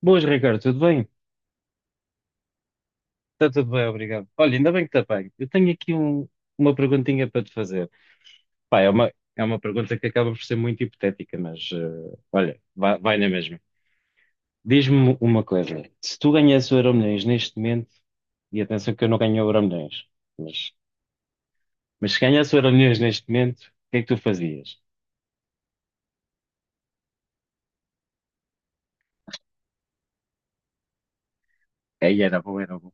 Boas, Ricardo, tudo bem? Está tudo bem, obrigado. Olha, ainda bem que está bem. Eu tenho aqui um- Uma perguntinha para te fazer. Pá, é uma, é uma pergunta que acaba por ser muito hipotética, mas olha, vai na mesma. Diz-me uma coisa: se tu ganhasses o Euromilhões neste momento, e atenção que eu não ganho o Euromilhões, mas, mas se ganhasse o Euromilhões neste momento, o que é que tu fazias? Aí era bom, era bom.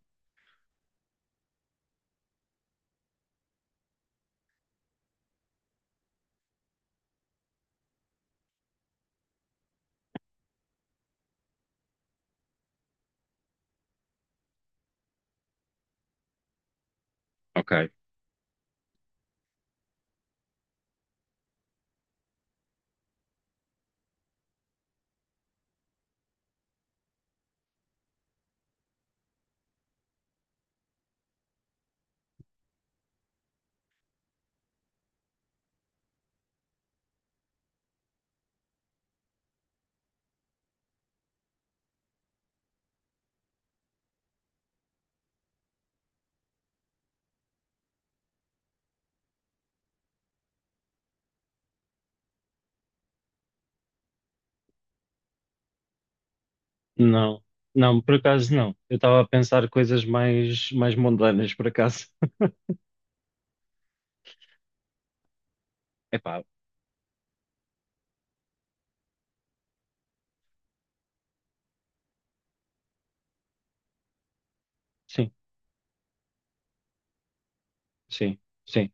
Ok. Não, não, por acaso não. Eu estava a pensar coisas mais mundanas, por acaso. Epá, sim, sim. sim.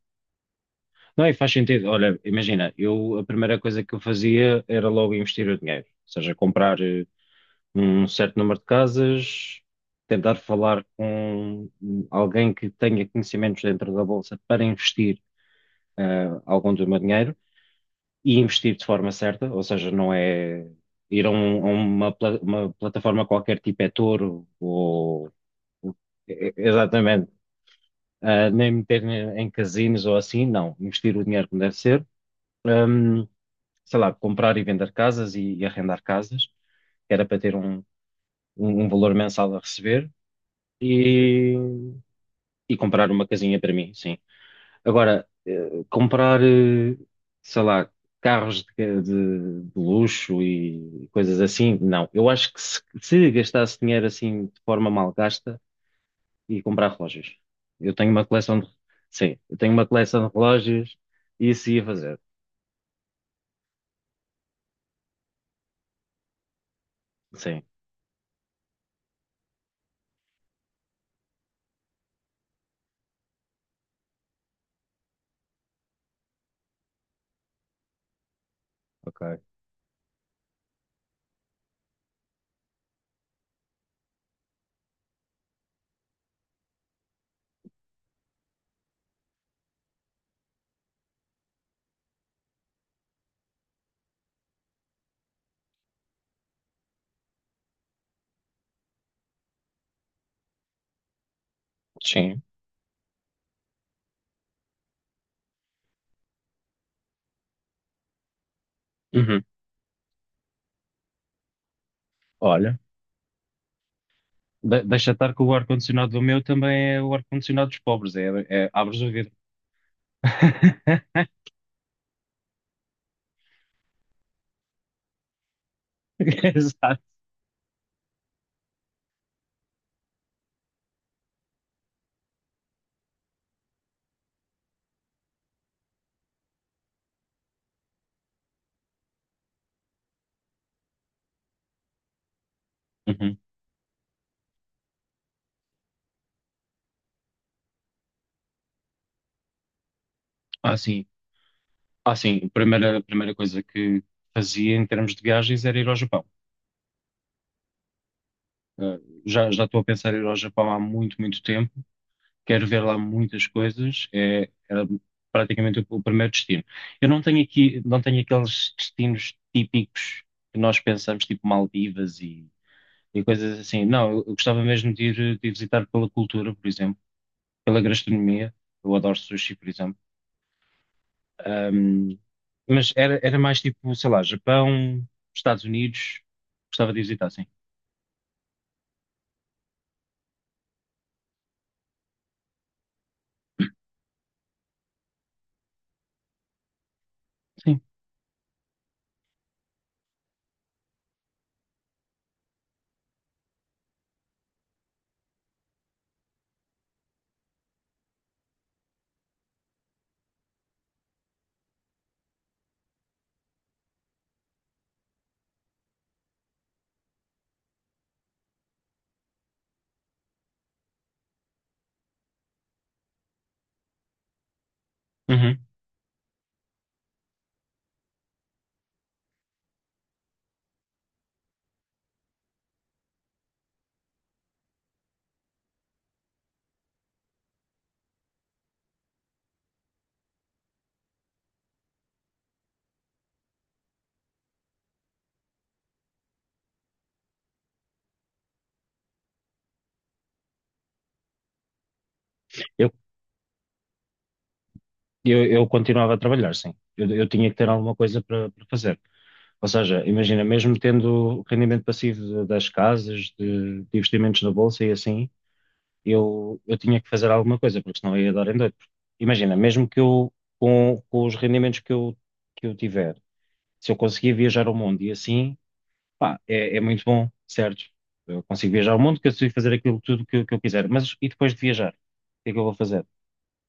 Não, e faz sentido. Olha, imagina, eu a primeira coisa que eu fazia era logo investir o dinheiro, ou seja, comprar um certo número de casas, tentar falar com alguém que tenha conhecimentos dentro da bolsa para investir algum do meu dinheiro e investir de forma certa, ou seja, não é ir a uma plataforma qualquer tipo é Toro ou exatamente, ah, nem meter em casinos ou assim, não, investir o dinheiro como deve ser, sei lá, comprar e vender casas e arrendar casas, que era para ter um valor mensal a receber e, e comprar uma casinha para mim, sim. Agora, comprar, sei lá, carros de luxo e coisas assim, não. Eu acho que se gastasse dinheiro assim de forma mal gasta, ia comprar relógios. Eu tenho uma sim, eu tenho uma coleção de relógios e isso ia fazer, sim. Ok. Sim. Uhum. Olha. Deixa estar que o ar-condicionado do meu também é o ar-condicionado dos pobres, é, é abres o vidro. Exato. Uhum. Ah, sim. Ah, sim. A primeira coisa que fazia em termos de viagens era ir ao Japão. Ah, já estou a pensar em ir ao Japão há muito, muito tempo. Quero ver lá muitas coisas. É, era praticamente o primeiro destino. Eu não tenho aqui, não tenho aqueles destinos típicos que nós pensamos, tipo Maldivas e coisas assim. Não, eu gostava mesmo de de ir visitar pela cultura, por exemplo pela gastronomia. Eu adoro sushi, por exemplo. Ahm, mas era, era mais tipo, sei lá, Japão, Estados Unidos. Gostava de visitar, sim. Sim. Uhum. Eu, eu continuava a trabalhar, sim. Eu tinha que ter alguma coisa para para fazer. Ou seja, imagina, mesmo tendo rendimento passivo das casas, de investimentos na bolsa e assim, eu tinha que fazer alguma coisa, porque senão eu ia dar em doido. Imagina, mesmo que eu, com os rendimentos que eu tiver, se eu conseguir viajar ao mundo e assim, pá, é, é muito bom, certo? Eu consigo viajar ao mundo, consigo fazer aquilo tudo que eu quiser. Mas e depois de viajar? O que é que eu vou fazer?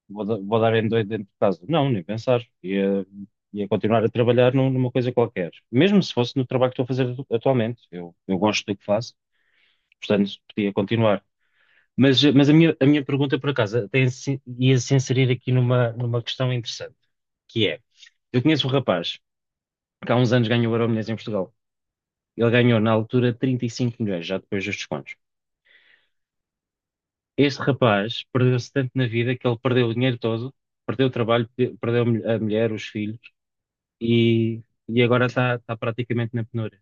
Vou dar em doido dentro de casa? Não, nem pensar. Ia, ia continuar a trabalhar numa coisa qualquer. Mesmo se fosse no trabalho que estou a fazer atualmente. Eu gosto do que faço, portanto, podia continuar. Mas a minha pergunta, por acaso, tem, ia-se inserir aqui numa, numa questão interessante, que é, eu conheço um rapaz que há uns anos ganhou o Euromilhões em Portugal. Ele ganhou, na altura, 35 milhões, já depois dos descontos. Este rapaz perdeu-se tanto na vida que ele perdeu o dinheiro todo, perdeu o trabalho, perdeu a a mulher, os filhos e, e agora está praticamente na penúria.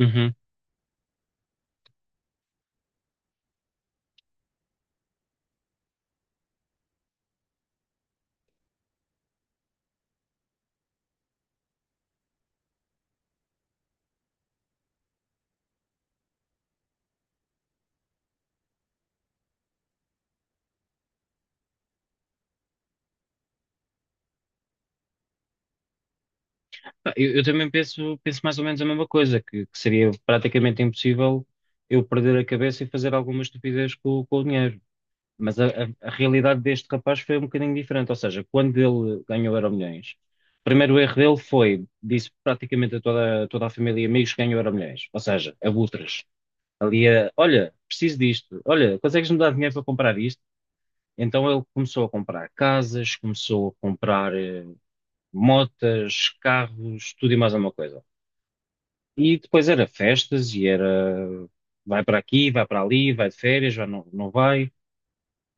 Uhum. Pá, eu também penso, penso mais ou menos a mesma coisa, que seria praticamente impossível eu perder a cabeça e fazer alguma estupidez com o dinheiro. Mas a realidade deste rapaz foi um bocadinho diferente. Ou seja, quando ele ganhou o Euromilhões, o primeiro erro dele foi, disse praticamente a toda, toda a família e amigos que ganhou Euromilhões. Ou seja, abutres. Ali a, olha, preciso disto, olha, consegues-me dar dinheiro para comprar isto? Então ele começou a comprar casas, começou a comprar motas, carros, tudo e mais alguma coisa. E depois era festas e era vai para aqui, vai para ali, vai de férias, vai, não, não vai.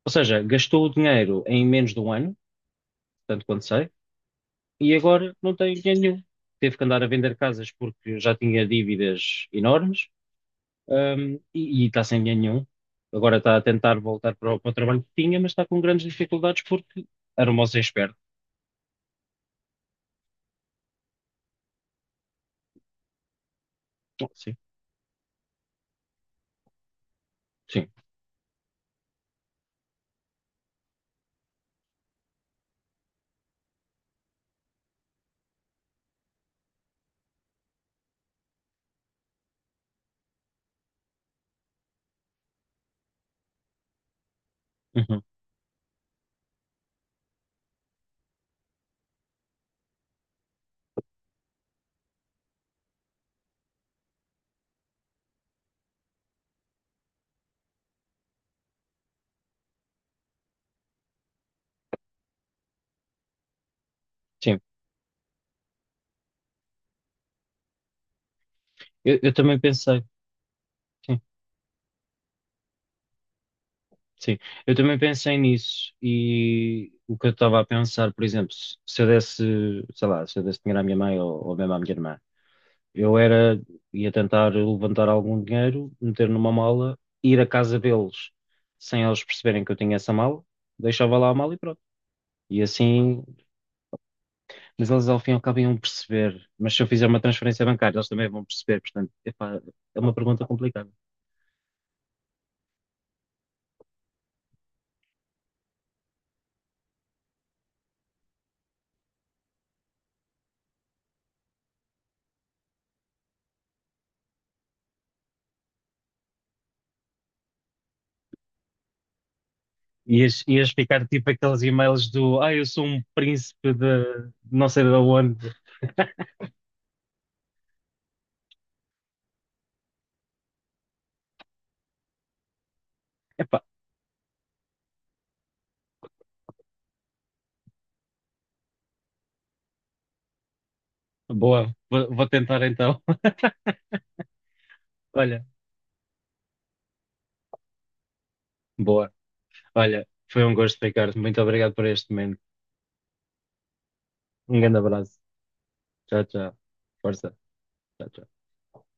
Ou seja, gastou o dinheiro em menos de um ano, tanto quanto sei, e agora não tem dinheiro nenhum. Teve que andar a vender casas porque já tinha dívidas enormes. Um, e está sem dinheiro nenhum. Agora está a tentar voltar para para o trabalho que tinha, mas está com grandes dificuldades porque era um moço esperto. Oh, sim, sim, uhum, sim. Eu, eu também pensei, sim, sim. Eu também pensei nisso e o que eu estava a pensar, por exemplo, se eu desse, sei lá, se eu desse dinheiro à minha mãe ou mesmo à minha irmã, eu era, ia tentar levantar algum dinheiro, meter numa mala, ir à casa deles sem eles perceberem que eu tinha essa mala, deixava lá a mala e pronto. E assim mas eles ao fim e ao cabo iam perceber. Mas se eu fizer uma transferência bancária, eles também vão perceber. Portanto, epá, é uma pergunta complicada. Ias, ias ficar tipo aqueles e-mails do: Ah, eu sou um príncipe de não sei de onde. Epá, boa, vou tentar então. Olha, boa. Olha, foi um gosto, Ricardo. Muito obrigado por este momento. Um grande abraço. Tchau, tchau. Força. Tchau, tchau.